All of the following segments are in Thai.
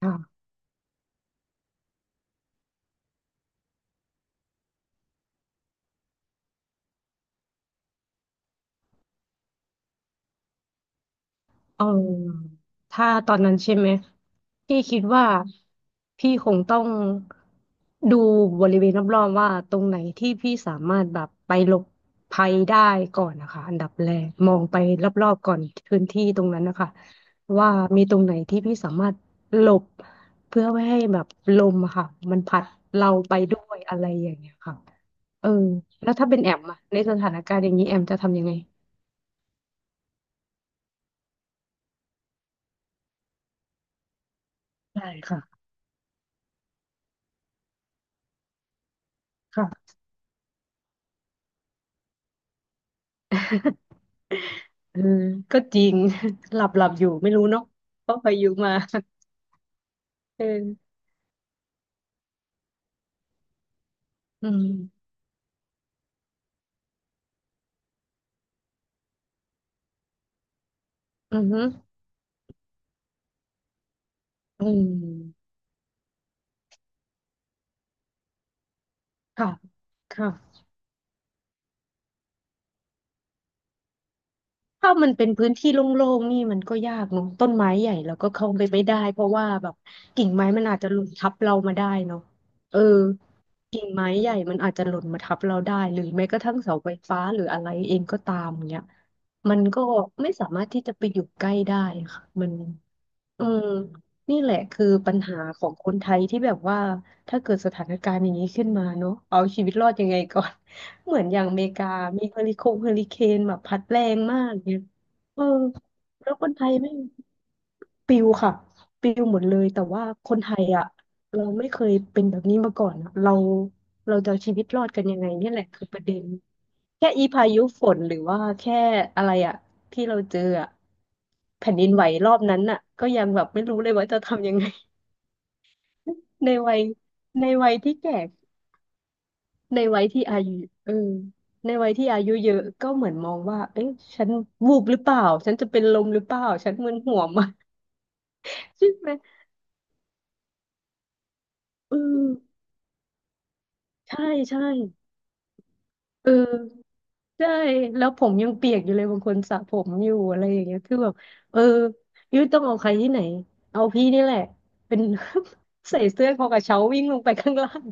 ค่ะเออถ้าตอนนั้นใช่ไหมพี่คิดว่าพี่คงต้องดูบริเวณรอบๆว่าตรงไหนที่พี่สามารถแบบไปหลบภัยได้ก่อนนะคะอันดับแรกมองไปรอบๆก่อนพื้นที่ตรงนั้นนะคะว่ามีตรงไหนที่พี่สามารถหลบเพื่อไม่ให้แบบลมอะค่ะมันพัดเราไปด้วยอะไรอย่างเงี้ยค่ะเออแล้วถ้าเป็นแอมอะในสถานการณ์อย่างนี้แอมจะทำยังไงได้ค่ะค่ะ เออก็จริง หลับอยู่ไม่รู้เนาะเพราะพายุมา เอออืมอือฮึอืมค่ะค่ะถ้ามันเป็นพื้นที่โล่งๆนี่มันก็ยากเนาะต้นไม้ใหญ่เราก็เข้าไปไม่ได้เพราะว่าแบบกิ่งไม้มันอาจจะหล่นทับเรามาได้เนาะเออกิ่งไม้ใหญ่มันอาจจะหล่นมาทับเราได้หรือแม้กระทั่งเสาไฟฟ้าหรืออะไรเองก็ตามเนี่ยมันก็ไม่สามารถที่จะไปอยู่ใกล้ได้ค่ะมัน อืมนี่แหละคือปัญหาของคนไทยที่แบบว่าถ้าเกิดสถานการณ์อย่างนี้ขึ้นมาเนอะเอาชีวิตรอดยังไงก่อน เหมือนอย่างอเมริกามีเฮอริเคนแบบพัดแรงมากเนี่ยเออแล้วคนไทยไม่ปิวค่ะปิวหมดเลยแต่ว่าคนไทยอ่ะเราไม่เคยเป็นแบบนี้มาก่อนอะเราจะเอาชีวิตรอดกันยังไงเนี่ยแหละคือประเด็นแค่อีพายุฝนหรือว่าแค่อะไรอ่ะ ที่เราเจออะแผ่นดินไหวรอบนั้นอะก็ยังแบบไม่รู้เลยว่าจะทำยังไง ในวัยที่แก่ในวัยที่อายุเออในวัยที่อายุเยอะก็เหมือนมองว่าเอ๊ะฉันวูบหรือเปล่าฉันจะเป็นลมหรือเปล่าฉันมึนหัวไหมา ใช่ไหมเออใช่ใช่เออใช่แล้วผมยังเปียกอยู่เลยบางคนสระผมอยู่อะไรอย่างเงี้ยคือแบบเออยุ้ยต้องเอาใครที่ไหนเอาพี่นี่แหละเป็น ใส่เสื้อคอกระเช้าวิ่งลงไปข้างล่าง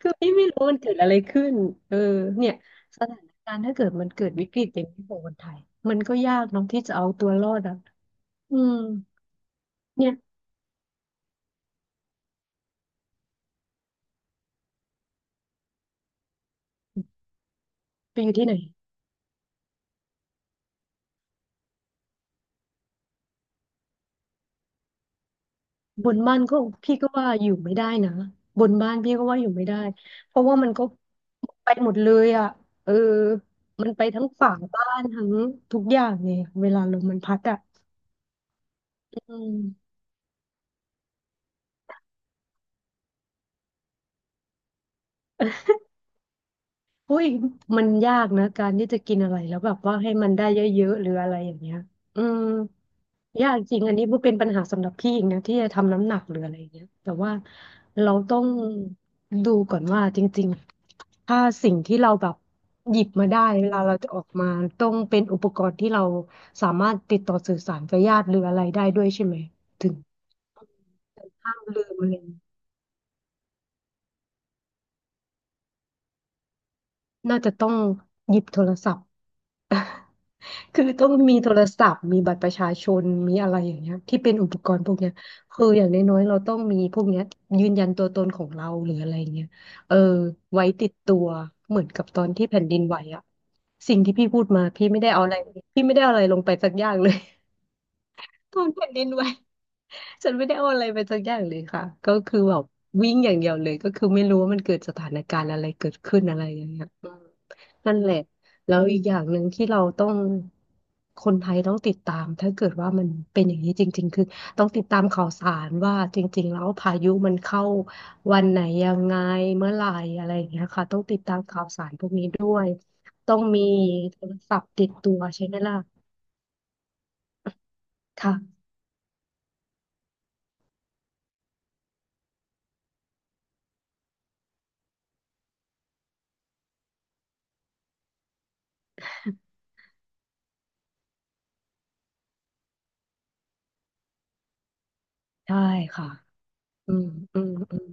คือพี่ไม่รู้มันเกิดอะไรขึ้นเออเนี่ยสถานการณ์ถ้าเกิดมันเกิดวิกฤตอย่างนี้ของคนไทยมันก็ยากเน้องที่จะเอาตัวรอดอ่ะอืมเนี่ยไปอยู่ที่ไหนบนบ้านก็พี่ก็ว่าอยู่ไม่ได้นะบนบ้านพี่ก็ว่าอยู่ไม่ได้เพราะว่ามันก็ไปหมดเลยอ่ะเออมันไปทั้งฝาบ้านทั้งทุกอย่างไงเวลาลมมันพัดอ่ะอืมอุ้ยมันยากนะการที่จะกินอะไรแล้วแบบว่าให้มันได้เยอะๆหรืออะไรอย่างเงี้ยอืม ยากจริงอันนี้มันเป็นปัญหาสำหรับพี่เองนะที่จะทำน้ำหนักหรืออะไรอย่างเงี้ยแต่ว่าเราต้องดูก่อนว่าจริงๆถ้าสิ่งที่เราแบบหยิบมาได้เวลาเราจะออกมาต้องเป็นอุปกรณ์ที่เราสามารถติดต่อสื่อสารกับญาติหรืออะไรได้ด้วยใช่ไหมถึงห้ามลืมอะไรอย่างน่าจะต้องหยิบโทรศัพท์ คือต้องมีโทรศัพท์มีบัตรประชาชนมีอะไรอย่างเงี้ยที่เป็นอุปกรณ์พวกเนี้ยคืออย่างน้อยๆเราต้องมีพวกเนี้ยยืนยันตัวตนของเราหรืออะไรเงี้ยเออไว้ติดตัวเหมือนกับตอนที่แผ่นดินไหวอะสิ่งที่พี่พูดมาพี่ไม่ได้เอาอะไรพี่ไม่ได้เอาอะไรลงไปสักอย่างเลย ตอนแผ่นดินไหว ฉันไม่ได้เอาอะไรไปสักอย่างเลยค่ะก็คือแบบวิ่งอย่างเดียวเลยก็คือไม่รู้ว่ามันเกิดสถานการณ์อะไรเกิดขึ้นอะไรอย่างเงี้ยอืมนั่นแหละแล้วอีกอย่างหนึ่งที่เราต้องคนไทยต้องติดตามถ้าเกิดว่ามันเป็นอย่างนี้จริงๆคือต้องติดตามข่าวสารว่าจริงๆแล้วพายุมันเข้าวันไหนยังไงเมื่อไหร่อะไรอย่างเงี้ยค่ะต้องติดตามข่าวสารพวกนี้ด้วยต้องมีโทรศัพท์ติดตัวใช่ไหมล่ะค่ะใช่ค่ะอืมอืมอืม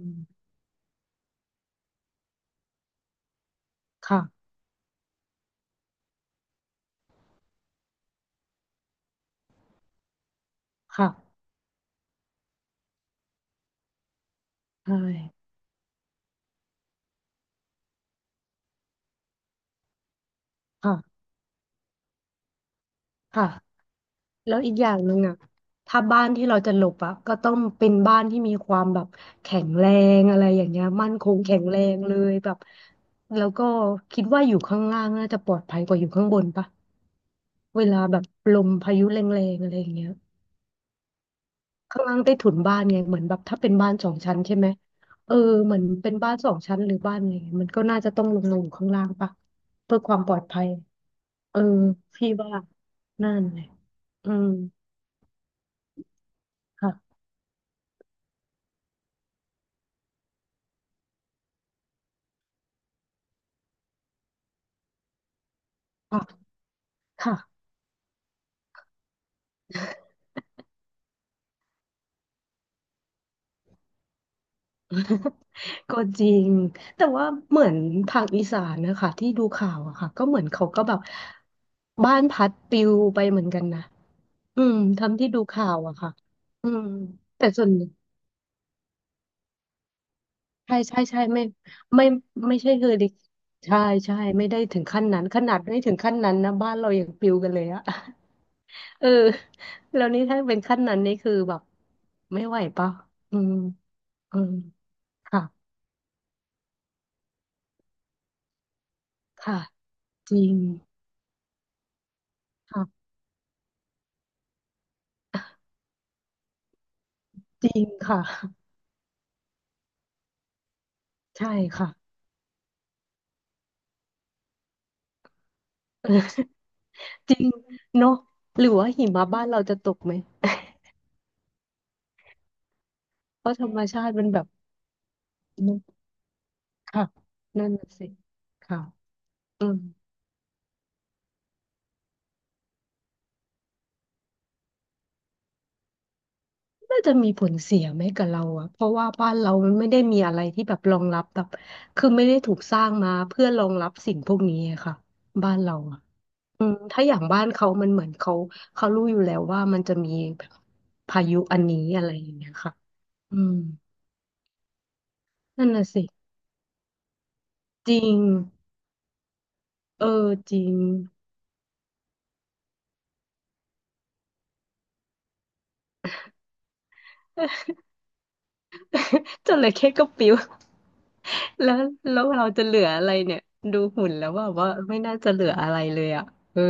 ค่ะ ค่ะใช่ค่ะค่ะ แล้วอีกอย่างหนึ่งอ่ะถ้าบ้านที่เราจะหลบอ่ะก็ต้องเป็นบ้านที่มีความแบบแข็งแรงอะไรอย่างเงี้ยมั่นคงแข็งแรงเลยแบบแล้วก็คิดว่าอยู่ข้างล่างน่าจะปลอดภัยกว่าอยู่ข้างบนปะเวลาแบบลมพายุแรงๆอะไรอย่างเงี้ยข้างล่างใต้ถุนบ้านไงเหมือนแบบถ้าเป็นบ้านสองชั้นใช่ไหมเออเหมือนเป็นบ้านสองชั้นหรือบ้านอะไรเงี้ยมันก็น่าจะต้องลงมาอยู่ข้างล่างปะเพื่อความปลอดภัย เออพี่ว่านั่นเลยอืมค่ะค่ะค่ะ ก็จริงแต่ว่าเหมือนทางอีสานนะคะที่ดูข่าวอะค่ะก็เหมือนเขาก็แบบบ้านพัดปลิวไปเหมือนกันนะอืมทำที่ดูข่าวอะค่ะอืมแต่ส่วนใช่ใช่ใช่ไม่ไม่ไม่ใช่เฮอริเคนใช่ใช่ไม่ได้ถึงขั้นนั้นขนาดไม่ถึงขั้นนั้นนะบ้านเรายังปลิวกันเลยอะ เออแล้วนี่ถ้าเป็นขั้นนั้นนี่คือแบบไม่ไหวป่ะอืมอืมค่ะค่ะจริงค่ะจริงค่ะใช่ค่ะ เออจริงเนาะหรือว่าหิมะบ้านเราจะตกไหม เพราะธรรมชาติมันแบบนั้นค่ะนั่นน่ะสิค่ะอืมน่าจะมีผลเสียไหมกับเราอะเพราะว่าบ้านเรามันไม่ได้มีอะไรที่แบบรองรับแบบคือไม่ได้ถูกสร้างมาเพื่อรองรับสิ่งพวกนี้อะค่ะบ้านเราอะ อืมถ้าอย่างบ้านเขามันเหมือนเขาเขารู้อยู่แล้วว่ามันจะมีแบบพายุอันนี้อะไรอย่างเงี้ยค่ะอืมนั่นน่ะสิจริงเออจริง จระเข้ก็ปิว แล้วแล้วเราจะเหลืออะไรเนี่ยดูหุ่นแล้วว่าไม่น่าจะเหลืออะไรเลยอ่ะเออ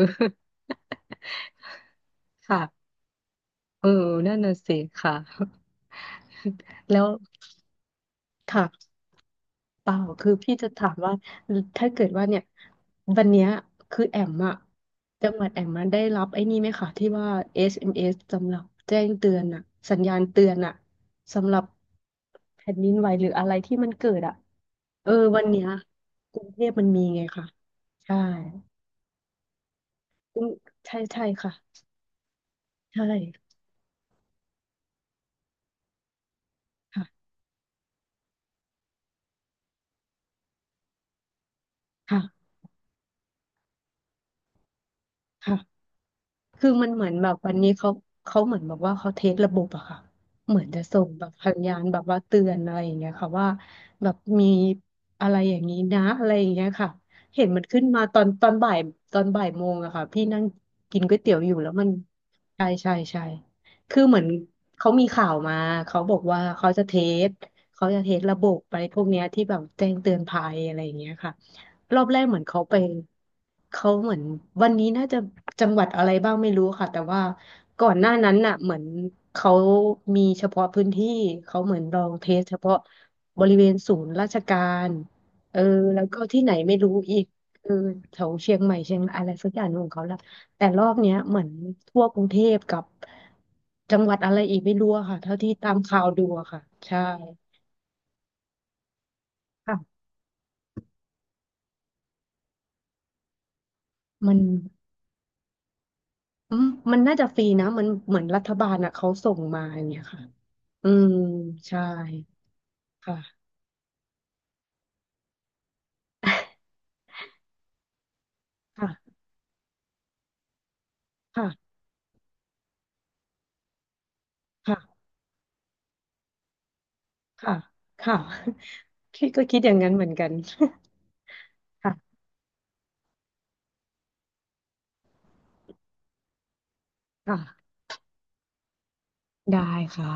ค่ะเออนั่นน่ะสิค่ะแล้วค่ะ เปล่าคือพี่จะถามว่าถ้าเกิดว่าเนี่ยวันเนี้ยคือแอมอะจังหวัดแอมมาได้รับไอ้นี่ไหมคะที่ว่า SMS สเอ็มเอสสำหรับแจ้งเตือนอะสัญญาณเตือนอะสำหรับแผ่นดินไหวหรืออะไรที่มันเกิดอะเออวันเนี้ยกรุงเทพมันมีไงค่ะใช่กรุงใช่ใช่ค่ะใช่ค่ะค่ะค่ะ คือมันเหมือนแบบวันนี้เขาเขาเหมือนแบบว่าเขาเทสระบบอะค่ะเหมือนจะส่งแบบสัญญาณแบบว่าเตือนอะไรอย่างเงี้ยค่ะว่าแบบมีอะไรอย่างนี้นะอะไรอย่างเงี้ยค่ะเห็นมันขึ้นมาตอนบ่ายตอนบ่ายโมงอะค่ะพี่นั่งกินก๋วยเตี๋ยวอยู่แล้วมันใช่ใช่ใช่คือเหมือนเขามีข่าวมาเขาบอกว่าเขาจะเทสระบบไปพวกเนี้ยที่แบบแจ้งเตือนภัยอะไรอย่างเงี้ยค่ะ รอบแรกเหมือนเขาไปเขาเหมือนวันนี้น่าจะจังหวัดอะไรบ้างไม่รู้ค่ะแต่ว่าก่อนหน้านั้นน่ะเหมือนเขามีเฉพาะพื้นที่เขาเหมือนลองเทสเฉพาะบริเวณศูนย์ราชการเออแล้วก็ที่ไหนไม่รู้อีกเออแถวเชียงใหม่เชียงอะไรสักอย่างหนึ่งของเขาละแต่รอบเนี้ยเหมือนทั่วกรุงเทพกับจังหวัดอะไรอีกไม่รู้อะค่ะเท่าที่ตามข่าวดูอะค่ะใช่ค่ะมัน อืมมันน่าจะฟรีนะมันเหมือนรัฐบาลอ่ะเขาส่งมาอย่างเงี้ยค่ะอืมใช่ค่ะค่ะค่ะค่ะค่ะค่ะ พี่ก็คิดอย่างนั้นเหมือนกัน ค่ะค่ะได้ค่ะ